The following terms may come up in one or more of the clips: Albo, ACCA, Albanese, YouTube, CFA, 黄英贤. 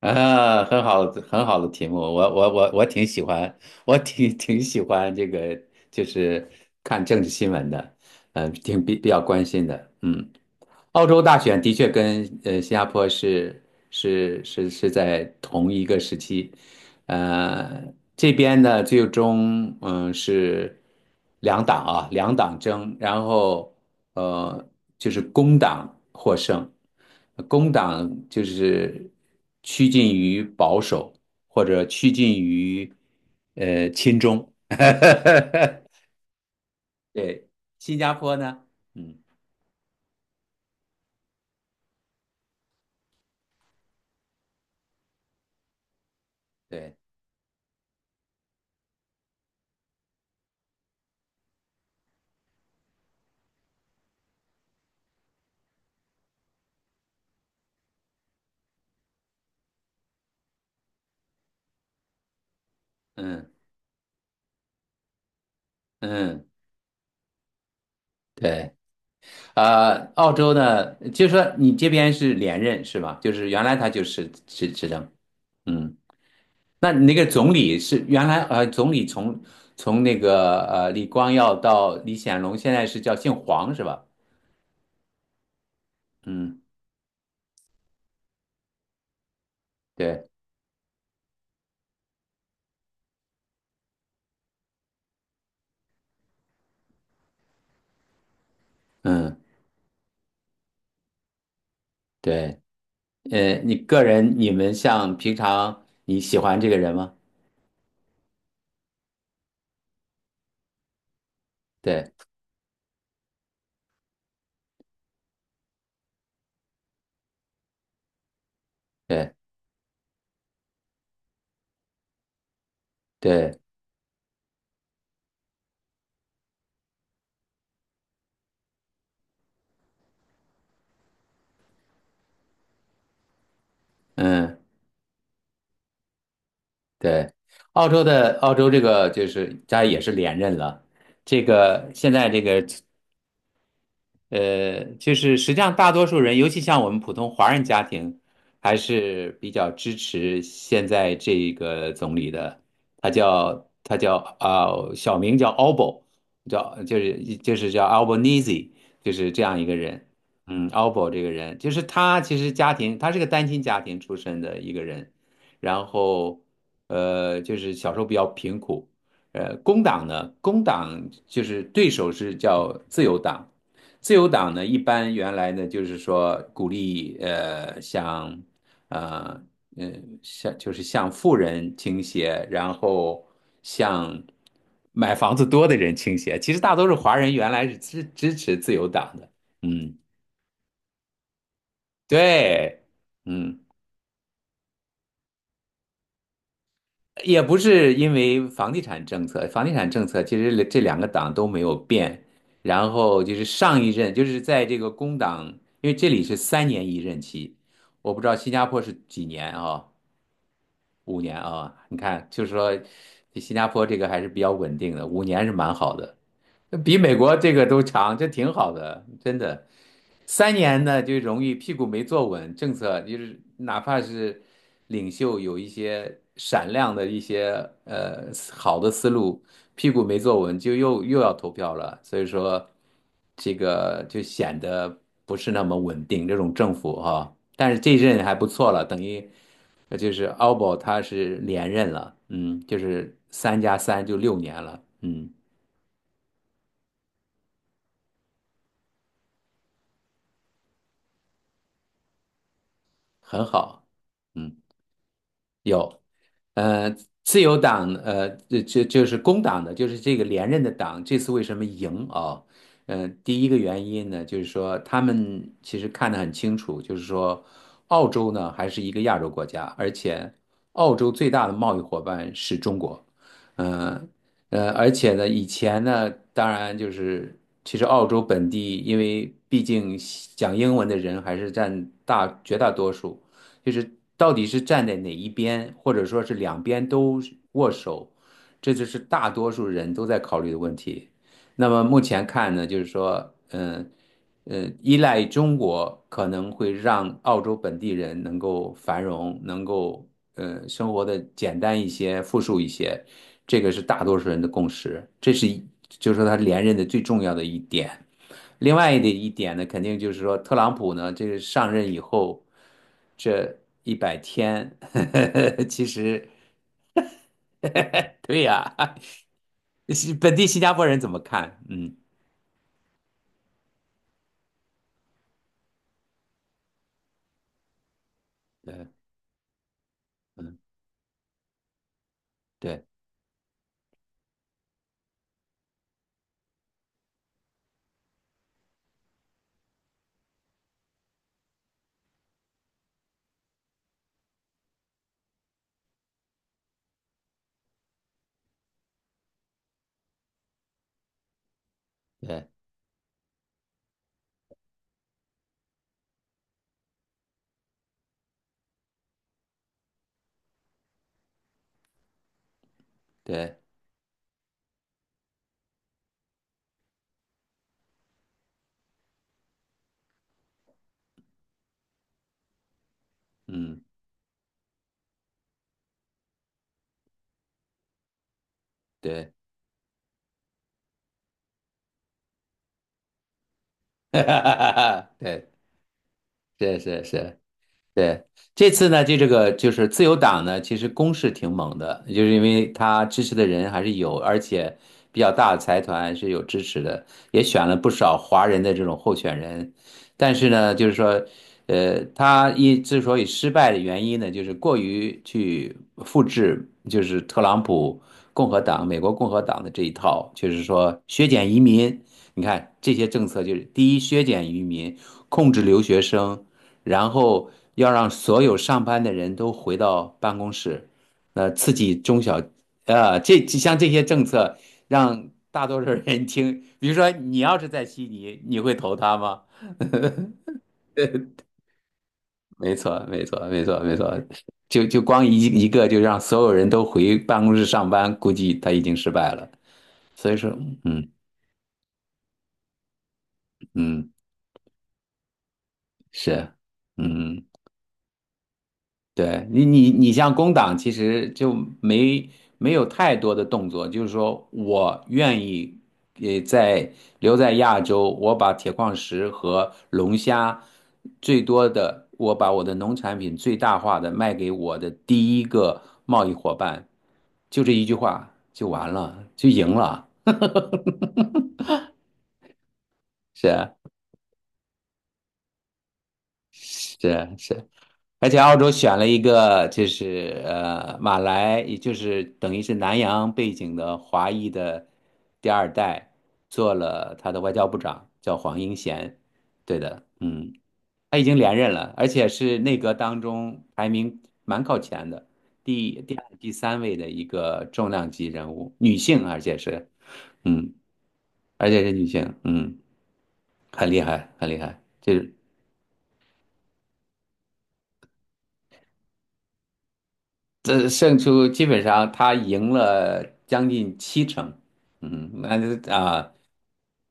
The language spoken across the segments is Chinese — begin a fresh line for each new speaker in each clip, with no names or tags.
啊，很好，很好的题目，我挺喜欢，我挺喜欢这个，就是看政治新闻的，挺比较关心的，嗯。澳洲大选的确跟新加坡是在同一个时期。这边呢最终是两党争，然后呃就是工党获胜。工党就是趋近于保守，或者趋近于亲中。对，新加坡呢，嗯，对，嗯，嗯，对。澳洲呢，就是说你这边是连任是吧？就是原来他就是执政，嗯，那你那个总理是原来，总理从那个李光耀到李显龙，现在是叫姓黄是吧？嗯，对，嗯，对，你个人，你们像平常你喜欢这个人吗？对，对，对，嗯，对，澳洲这个就是他也是连任了。这个现在这个呃，就是实际上大多数人，尤其像我们普通华人家庭，还是比较支持现在这个总理的。他叫他叫啊、小名叫 Albo，叫就是叫 Albanese，就是这样一个人。嗯，Albo 这个人，就是他其实家庭，他是个单亲家庭出身的一个人，然后就是小时候比较贫苦。工党呢，工党就是对手是叫自由党。自由党呢一般原来呢就是说鼓励呃像就是向富人倾斜，然后向买房子多的人倾斜。其实大多数华人原来是支持自由党的，嗯，对，嗯。也不是因为房地产政策，房地产政策其实这两个党都没有变。然后就是上一任，就是在这个工党，因为这里是3年一任期。我不知道新加坡是几年啊，5年啊，你看，就是说新加坡这个还是比较稳定的，五年是蛮好的，比美国这个都长，这挺好的，真的。三年呢，就容易屁股没坐稳，政策就是哪怕是领袖有一些闪亮的一些呃好的思路，屁股没坐稳，就又要投票了，所以说这个就显得不是那么稳定。这种政府哈，但是这一任还不错了，等于就是奥博他是连任了，嗯，就是3加3就6年了，嗯，很好，嗯。有，呃，自由党，就是工党的，就是这个连任的党，这次为什么赢啊？第一个原因呢，就是说他们其实看得很清楚，就是说澳洲呢还是一个亚洲国家，而且澳洲最大的贸易伙伴是中国。嗯而且呢，以前呢，当然就是其实澳洲本地，因为毕竟讲英文的人还是占绝大多数。就是到底是站在哪一边，或者说是两边都握手，这就是大多数人都在考虑的问题。那么目前看呢，就是说，嗯，依赖中国可能会让澳洲本地人能够繁荣，能够生活的简单一些、富庶一些，这个是大多数人的共识，这是一就是说他连任的最重要的一点。另外的一点呢，肯定就是说，特朗普呢，这个上任以后，这100天，其实，对呀，是本地新加坡人怎么看？嗯，对，嗯，对，对，对，嗯，对，对，是是是。对，这次呢，就这个就是自由党呢，其实攻势挺猛的，就是因为他支持的人还是有，而且比较大的财团是有支持的，也选了不少华人的这种候选人。但是呢，就是说，他之所以失败的原因呢，就是过于去复制，就是特朗普共和党、美国共和党的这一套，就是说削减移民。你看这些政策，就是第一，削减移民，控制留学生。然后要让所有上班的人都回到办公室，刺激中小，这像这些政策让大多数人听，比如说你要是在悉尼，你会投他吗？没错，没错，没错，没错，就光一个就让所有人都回办公室上班，估计他已经失败了。所以说，嗯，嗯，是，嗯。对你，你像工党，其实就没没有太多的动作，就是说我愿意，也在留在亚洲，我把铁矿石和龙虾最多的，我把我的农产品最大化的卖给我的第一个贸易伙伴，就这一句话就完了，就赢了，是啊，是啊，是啊，而且澳洲选了一个就是马来，也就是等于是南洋背景的华裔的第二代，做了他的外交部长，叫黄英贤。对的，嗯，他已经连任了，而且是内阁当中排名蛮靠前的，第二、第三位的一个重量级人物，女性，而且是嗯，而且是女性，嗯，很厉害，很厉害，就是。这胜出基本上他赢了将近七成。嗯，那就啊，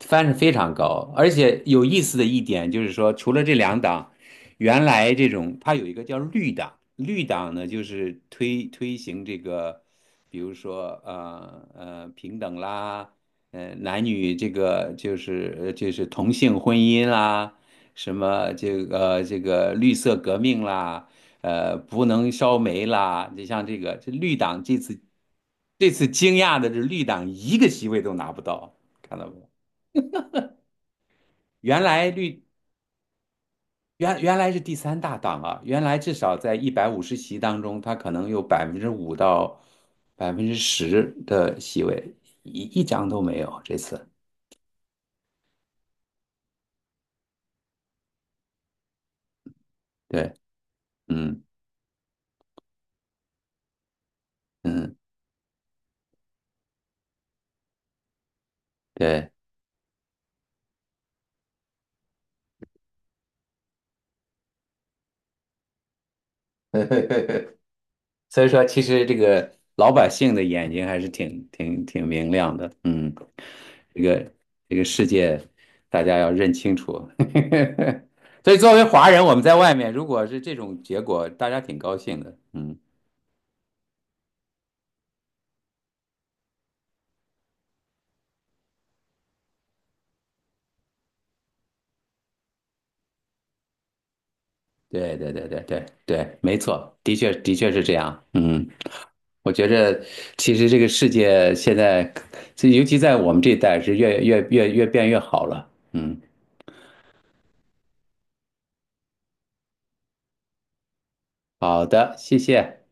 翻是非常高，而且有意思的一点就是说，除了这两党，原来这种它有一个叫绿党。绿党呢就是推行这个，比如说平等啦，男女这个就是就是同性婚姻啦，什么这个，这个绿色革命啦，不能烧煤啦，就像这个这绿党这次，这次惊讶的是绿党一个席位都拿不到。看到没？原来绿原来是第三大党啊，原来至少在150席当中，它可能有5%到10%的席位，一张都没有这次。对，嗯，嗯，对，所以说其实这个老百姓的眼睛还是挺明亮的，嗯，这个这个世界大家要认清楚。所以作为华人，我们在外面如果是这种结果，大家挺高兴的，嗯。对，对，对，对，对，对，没错，的确的确是这样。嗯，我觉着其实这个世界现在，这尤其在我们这一代是越变越好了。嗯，好的，谢谢。